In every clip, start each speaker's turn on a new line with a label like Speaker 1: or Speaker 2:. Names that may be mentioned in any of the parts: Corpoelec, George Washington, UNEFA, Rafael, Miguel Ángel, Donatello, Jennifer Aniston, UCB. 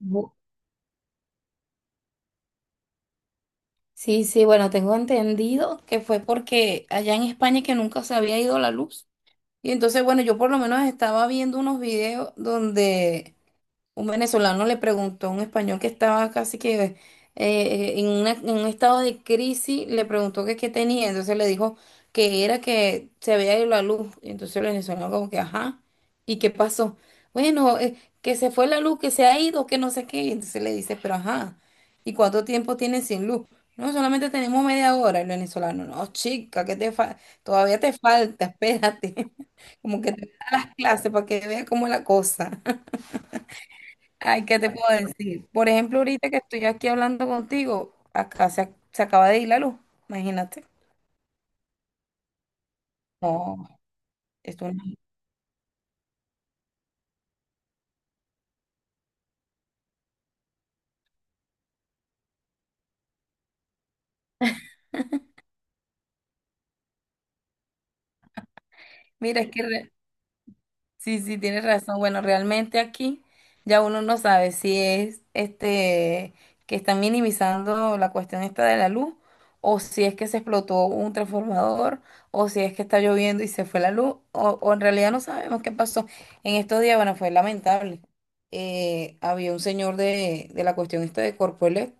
Speaker 1: Bu- Sí, sí, bueno, tengo entendido que fue porque allá en España que nunca se había ido la luz. Y entonces, bueno, yo por lo menos estaba viendo unos videos donde un venezolano le preguntó a un español que estaba casi que en un estado de crisis. Le preguntó que qué tenía, entonces le dijo que era que se había ido la luz, y entonces el venezolano como que, ajá, ¿y qué pasó? Bueno, que se fue la luz, que se ha ido, que no sé qué, y entonces le dice, pero ajá, ¿y cuánto tiempo tienen sin luz? No, solamente tenemos media hora. El venezolano, no, chica, que te todavía te falta, espérate, como que te da las clases para que veas cómo es la cosa. Ay, ¿qué te puedo decir? Por ejemplo, ahorita que estoy aquí hablando contigo, acá se acaba de ir la luz, imagínate. No, esto no- Mira, es que re- Sí, sí, tienes razón. Bueno, realmente aquí ya uno no sabe si es este que están minimizando la cuestión esta de la luz, o si es que se explotó un transformador, o si es que está lloviendo y se fue la luz, o en realidad no sabemos qué pasó. En estos días, bueno, fue lamentable. Había un señor de la cuestión esta de Corpoelec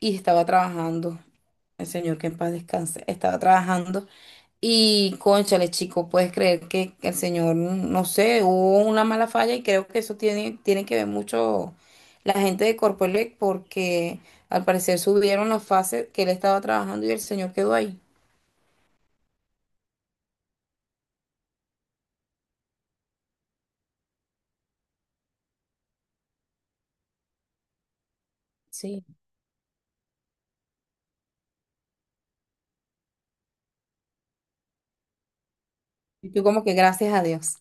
Speaker 1: y estaba trabajando, el señor que en paz descanse, estaba trabajando. Y, cónchale, chico, puedes creer que el señor, no sé, hubo una mala falla y creo que eso tiene, tiene que ver mucho la gente de Corpoelec porque al parecer subieron los fases que él estaba trabajando y el señor quedó ahí. Sí, y tú como que gracias a Dios.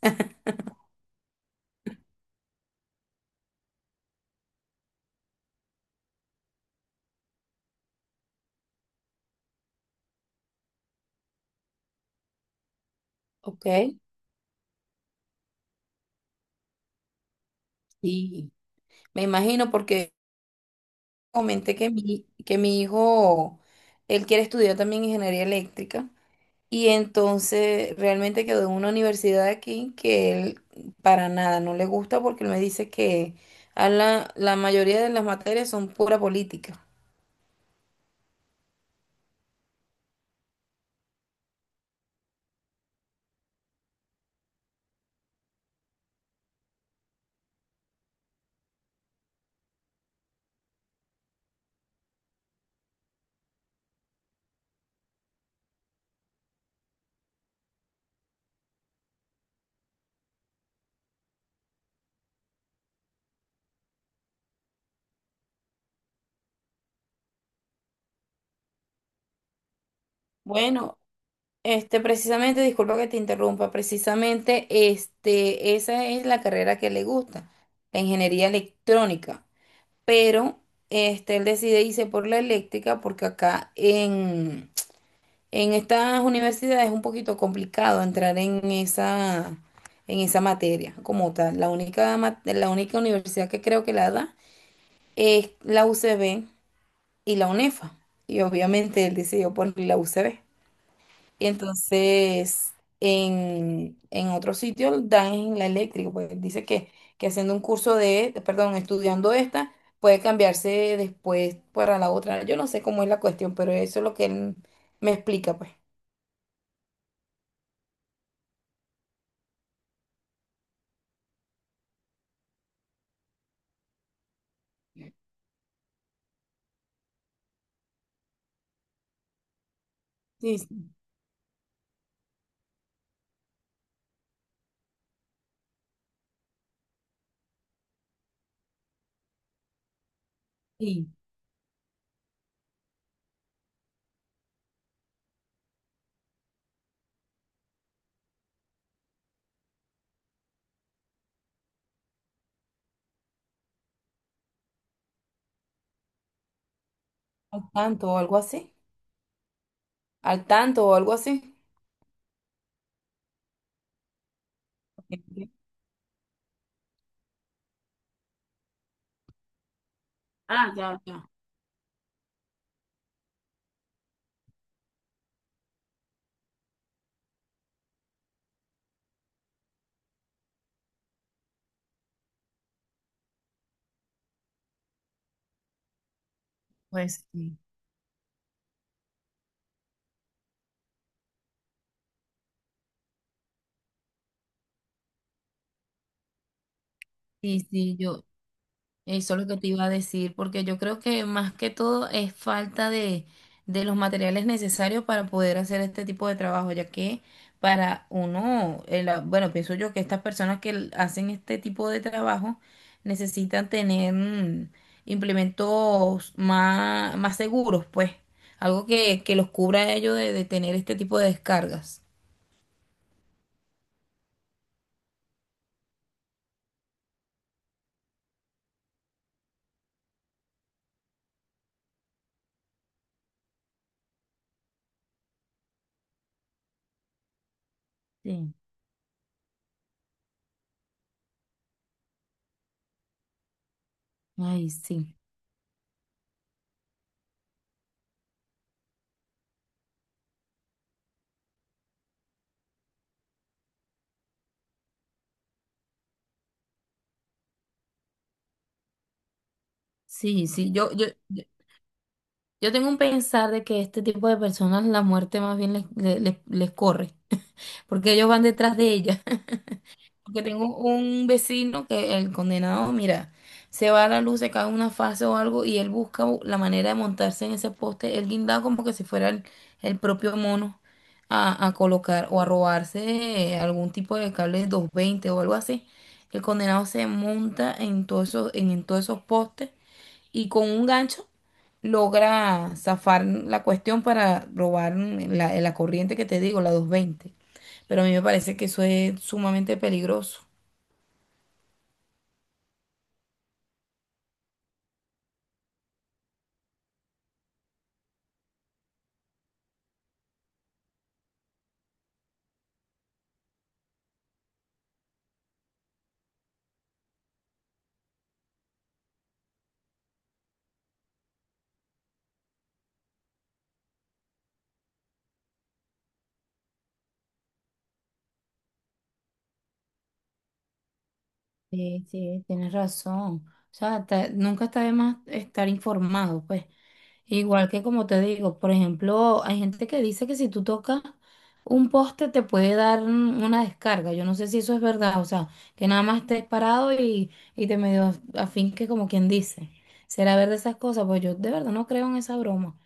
Speaker 1: Ok, sí, me imagino porque comenté que que mi hijo él quiere estudiar también ingeniería eléctrica. Y entonces realmente quedó en una universidad de aquí que él para nada no le gusta, porque él me dice que a la mayoría de las materias son pura política. Bueno, este, precisamente, disculpa que te interrumpa, precisamente este, esa es la carrera que le gusta, la ingeniería electrónica. Pero este, él decide irse por la eléctrica porque acá en estas universidades es un poquito complicado entrar en esa materia como tal. La única, la única universidad que creo que la da es la UCB y la UNEFA. Y obviamente él decidió por la UCB. Y entonces, en otro sitio dan en la eléctrica. Pues dice que haciendo un curso de, perdón, estudiando esta, puede cambiarse después para la otra. Yo no sé cómo es la cuestión, pero eso es lo que él me explica, pues. Sí, sí. Sí, al tanto o algo así. Al tanto o algo así. Ok, ok. Ah, ya, ya. Pues sí, sí, sí, yo, eso es lo que te iba a decir, porque yo creo que más que todo es falta de los materiales necesarios para poder hacer este tipo de trabajo, ya que para uno, bueno, pienso yo que estas personas que hacen este tipo de trabajo necesitan tener implementos más seguros, pues, algo que los cubra a ellos de tener este tipo de descargas. Sí. Ay, sí, sí, sí, yo, yo. Yo tengo un pensar de que este tipo de personas la muerte más bien les corre, porque ellos van detrás de ella. Porque tengo un vecino que el condenado, mira, se va a la luz, se cae una fase o algo y él busca la manera de montarse en ese poste, él guindado como que si fuera el propio mono a colocar o a robarse algún tipo de cable 220 o algo así. El condenado se monta en todos esos, en todos esos postes y con un gancho logra zafar la cuestión para robar la corriente que te digo, la 220. Pero a mí me parece que eso es sumamente peligroso. Sí, sí, tienes razón. O sea, nunca está de más estar informado, pues. Igual que como te digo, por ejemplo, hay gente que dice que si tú tocas un poste te puede dar una descarga. Yo no sé si eso es verdad, o sea, que nada más estés parado y te medio afinques como quien dice. ¿Será verdad esas cosas? Pues yo de verdad no creo en esa broma.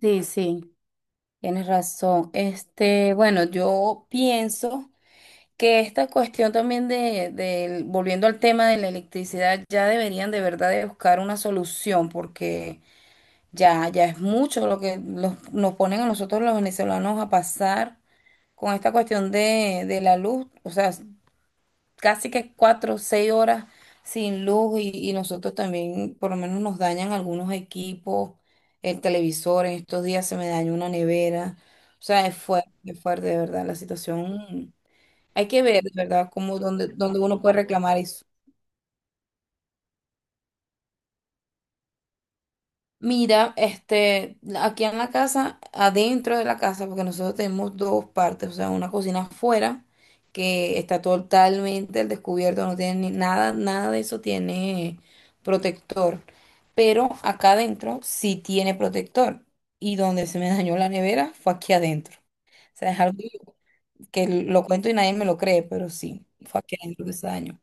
Speaker 1: Sí, sí, tienes razón. Este, bueno, yo pienso que esta cuestión también de, volviendo al tema de la electricidad, ya deberían de verdad de buscar una solución, porque ya, ya es mucho lo que nos ponen a nosotros los venezolanos a pasar con esta cuestión de la luz, o sea, casi que cuatro, seis horas sin luz y nosotros también, por lo menos nos dañan algunos equipos, el televisor. En estos días se me dañó una nevera, o sea, es fuerte, de verdad, la situación. Hay que ver, de verdad, cómo, dónde, dónde uno puede reclamar eso. Mira, este, aquí en la casa, adentro de la casa, porque nosotros tenemos dos partes, o sea, una cocina afuera que está totalmente al descubierto, no tiene nada, nada de eso tiene protector, pero acá adentro sí tiene protector, y donde se me dañó la nevera fue aquí adentro. O sea, es algo que lo cuento y nadie me lo cree, pero sí, fue aquí adentro que se dañó.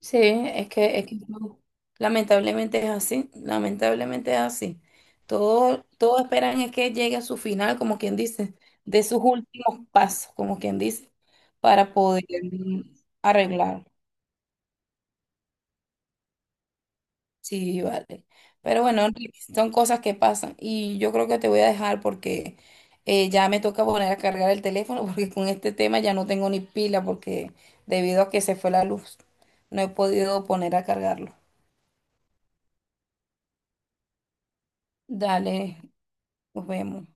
Speaker 1: Sí, es que no, lamentablemente es así, lamentablemente es así. Todo, todo esperan es que llegue a su final, como quien dice, de sus últimos pasos, como quien dice, para poder arreglar. Sí, vale. Pero bueno, Enrique, son cosas que pasan y yo creo que te voy a dejar porque ya me toca poner a cargar el teléfono porque con este tema ya no tengo ni pila, porque debido a que se fue la luz, no he podido poner a cargarlo. Dale, nos vemos.